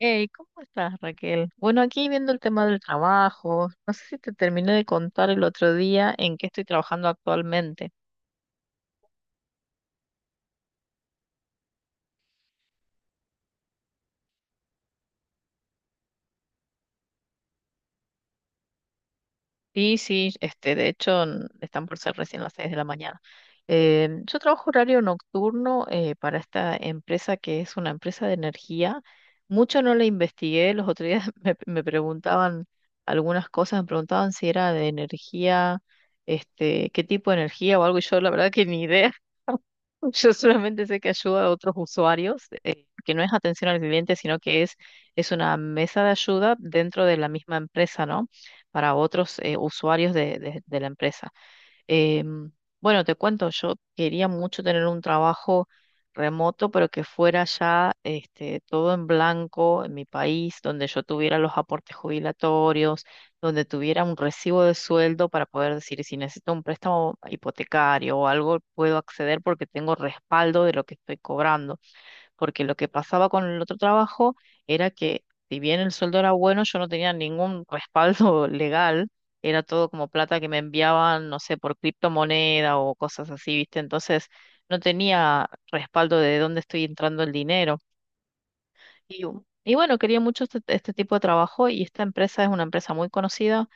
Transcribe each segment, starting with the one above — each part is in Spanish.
Hey, ¿cómo estás, Raquel? Bueno, aquí viendo el tema del trabajo, no sé si te terminé de contar el otro día en qué estoy trabajando actualmente. Sí, sí, este, de hecho, están por ser recién las 6 de la mañana. Yo trabajo horario nocturno para esta empresa que es una empresa de energía. Mucho no la investigué, los otros días me preguntaban algunas cosas, me preguntaban si era de energía, este, qué tipo de energía o algo, y yo la verdad que ni idea. Yo solamente sé que ayuda a otros usuarios, que no es atención al cliente, sino que es una mesa de ayuda dentro de la misma empresa, ¿no? Para otros usuarios de la empresa. Em, bueno, te cuento, yo quería mucho tener un trabajo remoto, pero que fuera ya este, todo en blanco en mi país, donde yo tuviera los aportes jubilatorios, donde tuviera un recibo de sueldo para poder decir si necesito un préstamo hipotecario o algo, puedo acceder porque tengo respaldo de lo que estoy cobrando, porque lo que pasaba con el otro trabajo era que, si bien el sueldo era bueno, yo no tenía ningún respaldo legal, era todo como plata que me enviaban, no sé, por criptomoneda o cosas así, ¿viste? Entonces no tenía respaldo de dónde estoy entrando el dinero. Y, y bueno, quería mucho este, este tipo de trabajo, y esta empresa es una empresa muy conocida,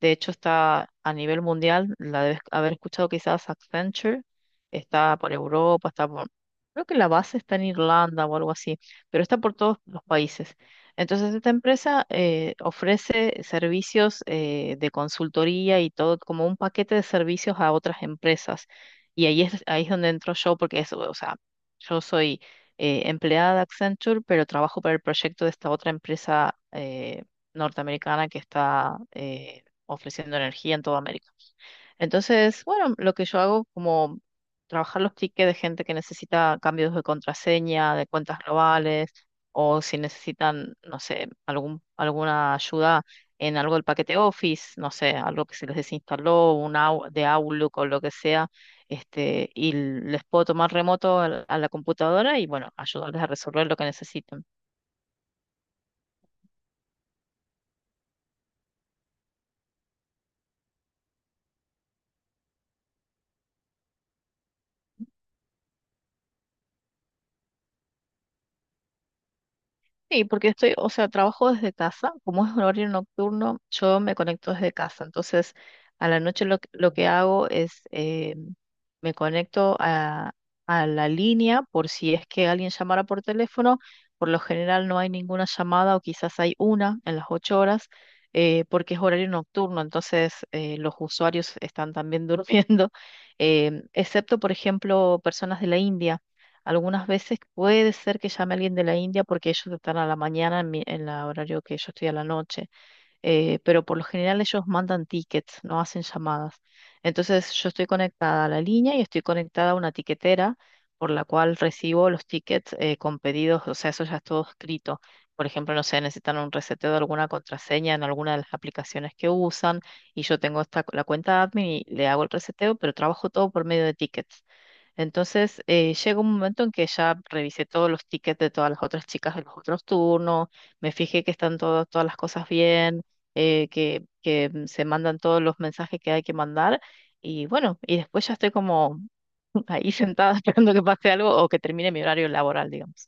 de hecho, está a nivel mundial, la debes haber escuchado quizás, Accenture, está por Europa, está creo que la base está en Irlanda o algo así, pero está por todos los países. Entonces, esta empresa ofrece servicios de consultoría y todo como un paquete de servicios a otras empresas. Y ahí es donde entro yo, porque es, o sea, yo soy empleada de Accenture, pero trabajo para el proyecto de esta otra empresa norteamericana, que ofreciendo energía en toda América. Entonces, bueno, lo que yo hago como trabajar los tickets de gente que necesita cambios de contraseña, de cuentas globales, o si necesitan, no sé, algún, alguna ayuda en algo del paquete Office, no sé, algo que se les desinstaló, de Outlook o lo que sea, este, y les puedo tomar remoto a la computadora y bueno, ayudarles a resolver lo que necesiten. Sí, porque estoy, o sea, trabajo desde casa. Como es un horario nocturno, yo me conecto desde casa. Entonces, a la noche lo que hago es, me conecto a la línea por si es que alguien llamara por teléfono. Por lo general no hay ninguna llamada o quizás hay una en las 8 horas, porque es horario nocturno, entonces los usuarios están también durmiendo, excepto, por ejemplo, personas de la India. Algunas veces puede ser que llame alguien de la India porque ellos están a la mañana en mi, en la horario que yo estoy a la noche, pero por lo general ellos mandan tickets, no hacen llamadas. Entonces yo estoy conectada a la línea y estoy conectada a una tiquetera por la cual recibo los tickets con pedidos, o sea, eso ya es todo escrito. Por ejemplo, no sé, necesitan un reseteo de alguna contraseña en alguna de las aplicaciones que usan y yo tengo la cuenta admin y le hago el reseteo, pero trabajo todo por medio de tickets. Entonces, llega un momento en que ya revisé todos los tickets de todas las otras chicas de los otros turnos, me fijé que están todas las cosas bien, que se mandan todos los mensajes que hay que mandar. Y bueno, y después ya estoy como ahí sentada esperando que pase algo o que termine mi horario laboral, digamos.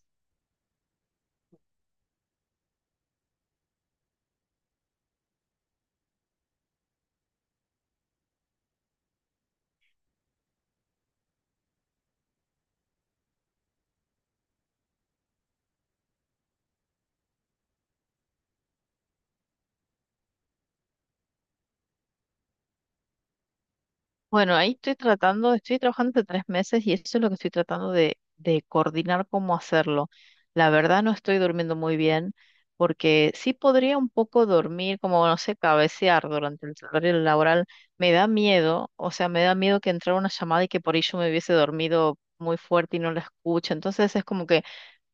Bueno, ahí estoy tratando, estoy trabajando hace 3 meses y eso es lo que estoy tratando de coordinar cómo hacerlo. La verdad no estoy durmiendo muy bien porque sí podría un poco dormir, como no sé, cabecear durante el horario laboral. Me da miedo, o sea, me da miedo que entrara una llamada y que por ello me hubiese dormido muy fuerte y no la escuche. Entonces es como que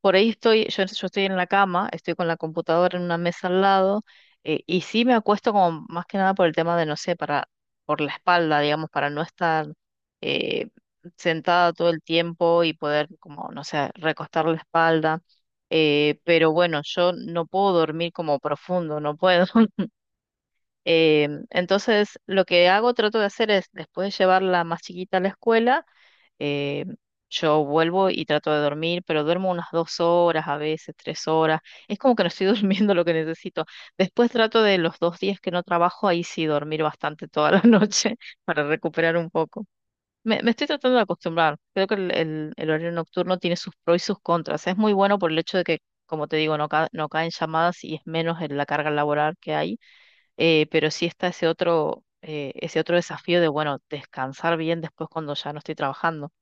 por ahí estoy, yo estoy en la cama, estoy con la computadora en una mesa al lado, y sí me acuesto como más que nada por el tema de, no sé, por la espalda, digamos, para no estar eh, sentada todo el tiempo y poder como, no sé, recostar la espalda. Pero bueno, yo no puedo dormir como profundo, no puedo. Entonces, lo que hago, trato de hacer es, después de llevarla más chiquita a la escuela, eh, yo vuelvo y trato de dormir, pero duermo unas 2 horas, a veces 3 horas. Es como que no estoy durmiendo lo que necesito. Después trato de los dos días que no trabajo, ahí sí dormir bastante toda la noche para recuperar un poco. Me estoy tratando de acostumbrar. Creo que el horario nocturno tiene sus pros y sus contras. Es muy bueno por el hecho de que, como te digo, no, no caen llamadas y es menos en la carga laboral que hay, pero sí está ese otro desafío de, bueno, descansar bien después cuando ya no estoy trabajando.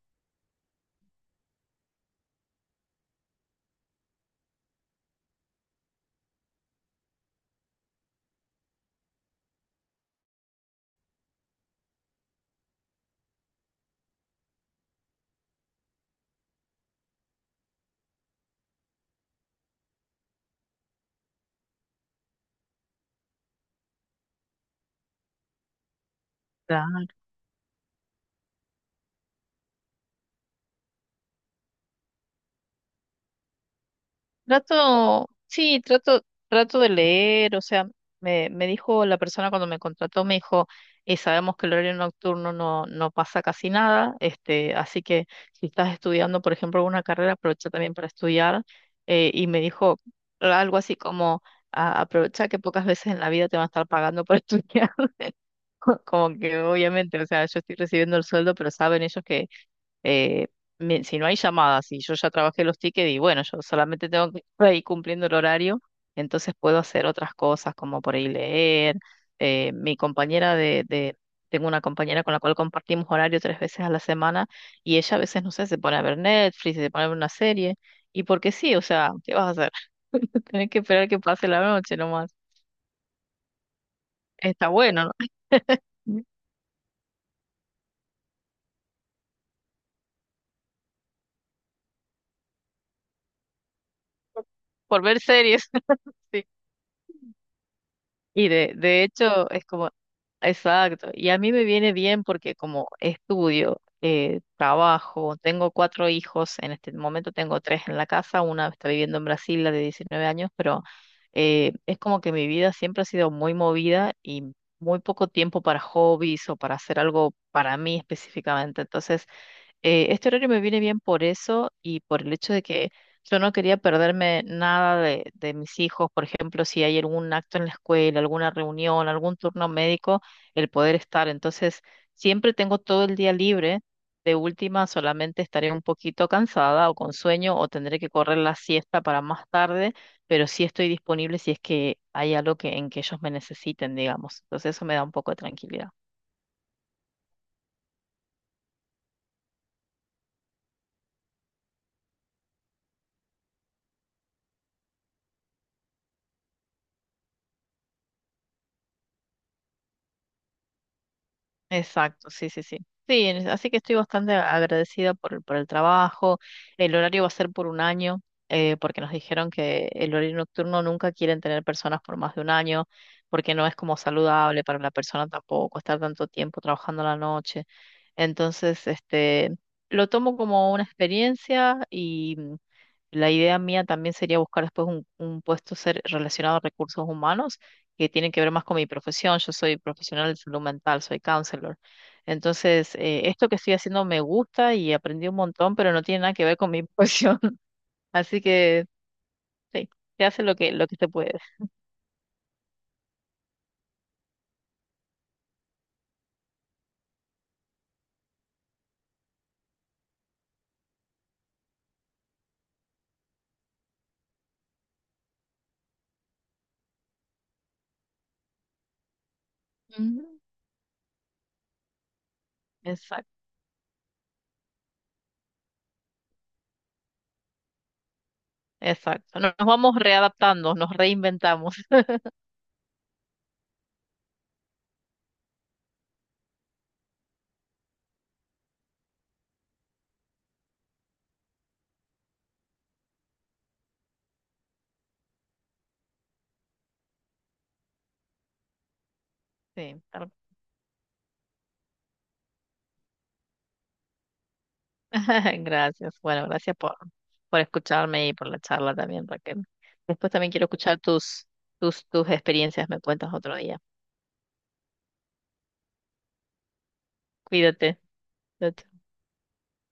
Trato, sí, trato, de leer, o sea, me dijo la persona cuando me contrató, me dijo, "Sabemos que el horario nocturno no, no pasa casi nada, este, así que si estás estudiando, por ejemplo, una carrera, aprovecha también para estudiar", y me dijo algo así como, aprovecha que pocas veces en la vida te van a estar pagando por estudiar", como que obviamente, o sea, yo estoy recibiendo el sueldo, pero saben ellos que eh, si no hay llamadas y yo ya trabajé los tickets y bueno, yo solamente tengo que estar ahí cumpliendo el horario, entonces puedo hacer otras cosas como por ahí leer. Mi compañera tengo una compañera con la cual compartimos horario 3 veces a la semana, y ella a veces, no sé, se pone a ver Netflix, se pone a ver una serie, y porque sí, o sea, ¿qué vas a hacer? Tenés que esperar que pase la noche nomás. Está bueno, ¿no? Por ver series. Y de hecho es como, exacto, y a mí me viene bien porque como estudio, trabajo, tengo cuatro hijos, en este momento tengo tres en la casa, una está viviendo en Brasil, la de 19 años, pero es como que mi vida siempre ha sido muy movida y muy poco tiempo para hobbies o para hacer algo para mí específicamente. Entonces, este horario me viene bien por eso y por el hecho de que yo no quería perderme nada de mis hijos. Por ejemplo, si hay algún acto en la escuela, alguna reunión, algún turno médico, el poder estar. Entonces, siempre tengo todo el día libre. De última, solamente estaré un poquito cansada o con sueño o tendré que correr la siesta para más tarde, pero sí estoy disponible si es que hay algo que, en que ellos me necesiten, digamos. Entonces, eso me da un poco de tranquilidad. Exacto, sí, sí, sí. Sí, así que estoy bastante agradecida por el trabajo. El horario va a ser por un año, porque nos dijeron que el horario nocturno nunca quieren tener personas por más de un año, porque no es como saludable para la persona tampoco estar tanto tiempo trabajando a la noche. Entonces, este, lo tomo como una experiencia y, la idea mía también sería buscar después un puesto ser relacionado a recursos humanos que tienen que ver más con mi profesión. Yo soy profesional de salud mental, soy counselor. Entonces, esto que estoy haciendo me gusta y aprendí un montón, pero no tiene nada que ver con mi profesión. Así que sí, se hace lo que se puede. Ujú. Exacto, exacto. Nos vamos readaptando, nos reinventamos. Sí, gracias. Bueno, gracias por escucharme y por la charla también, Raquel. Después también quiero escuchar tus, experiencias, me cuentas otro día. Cuídate. Chao,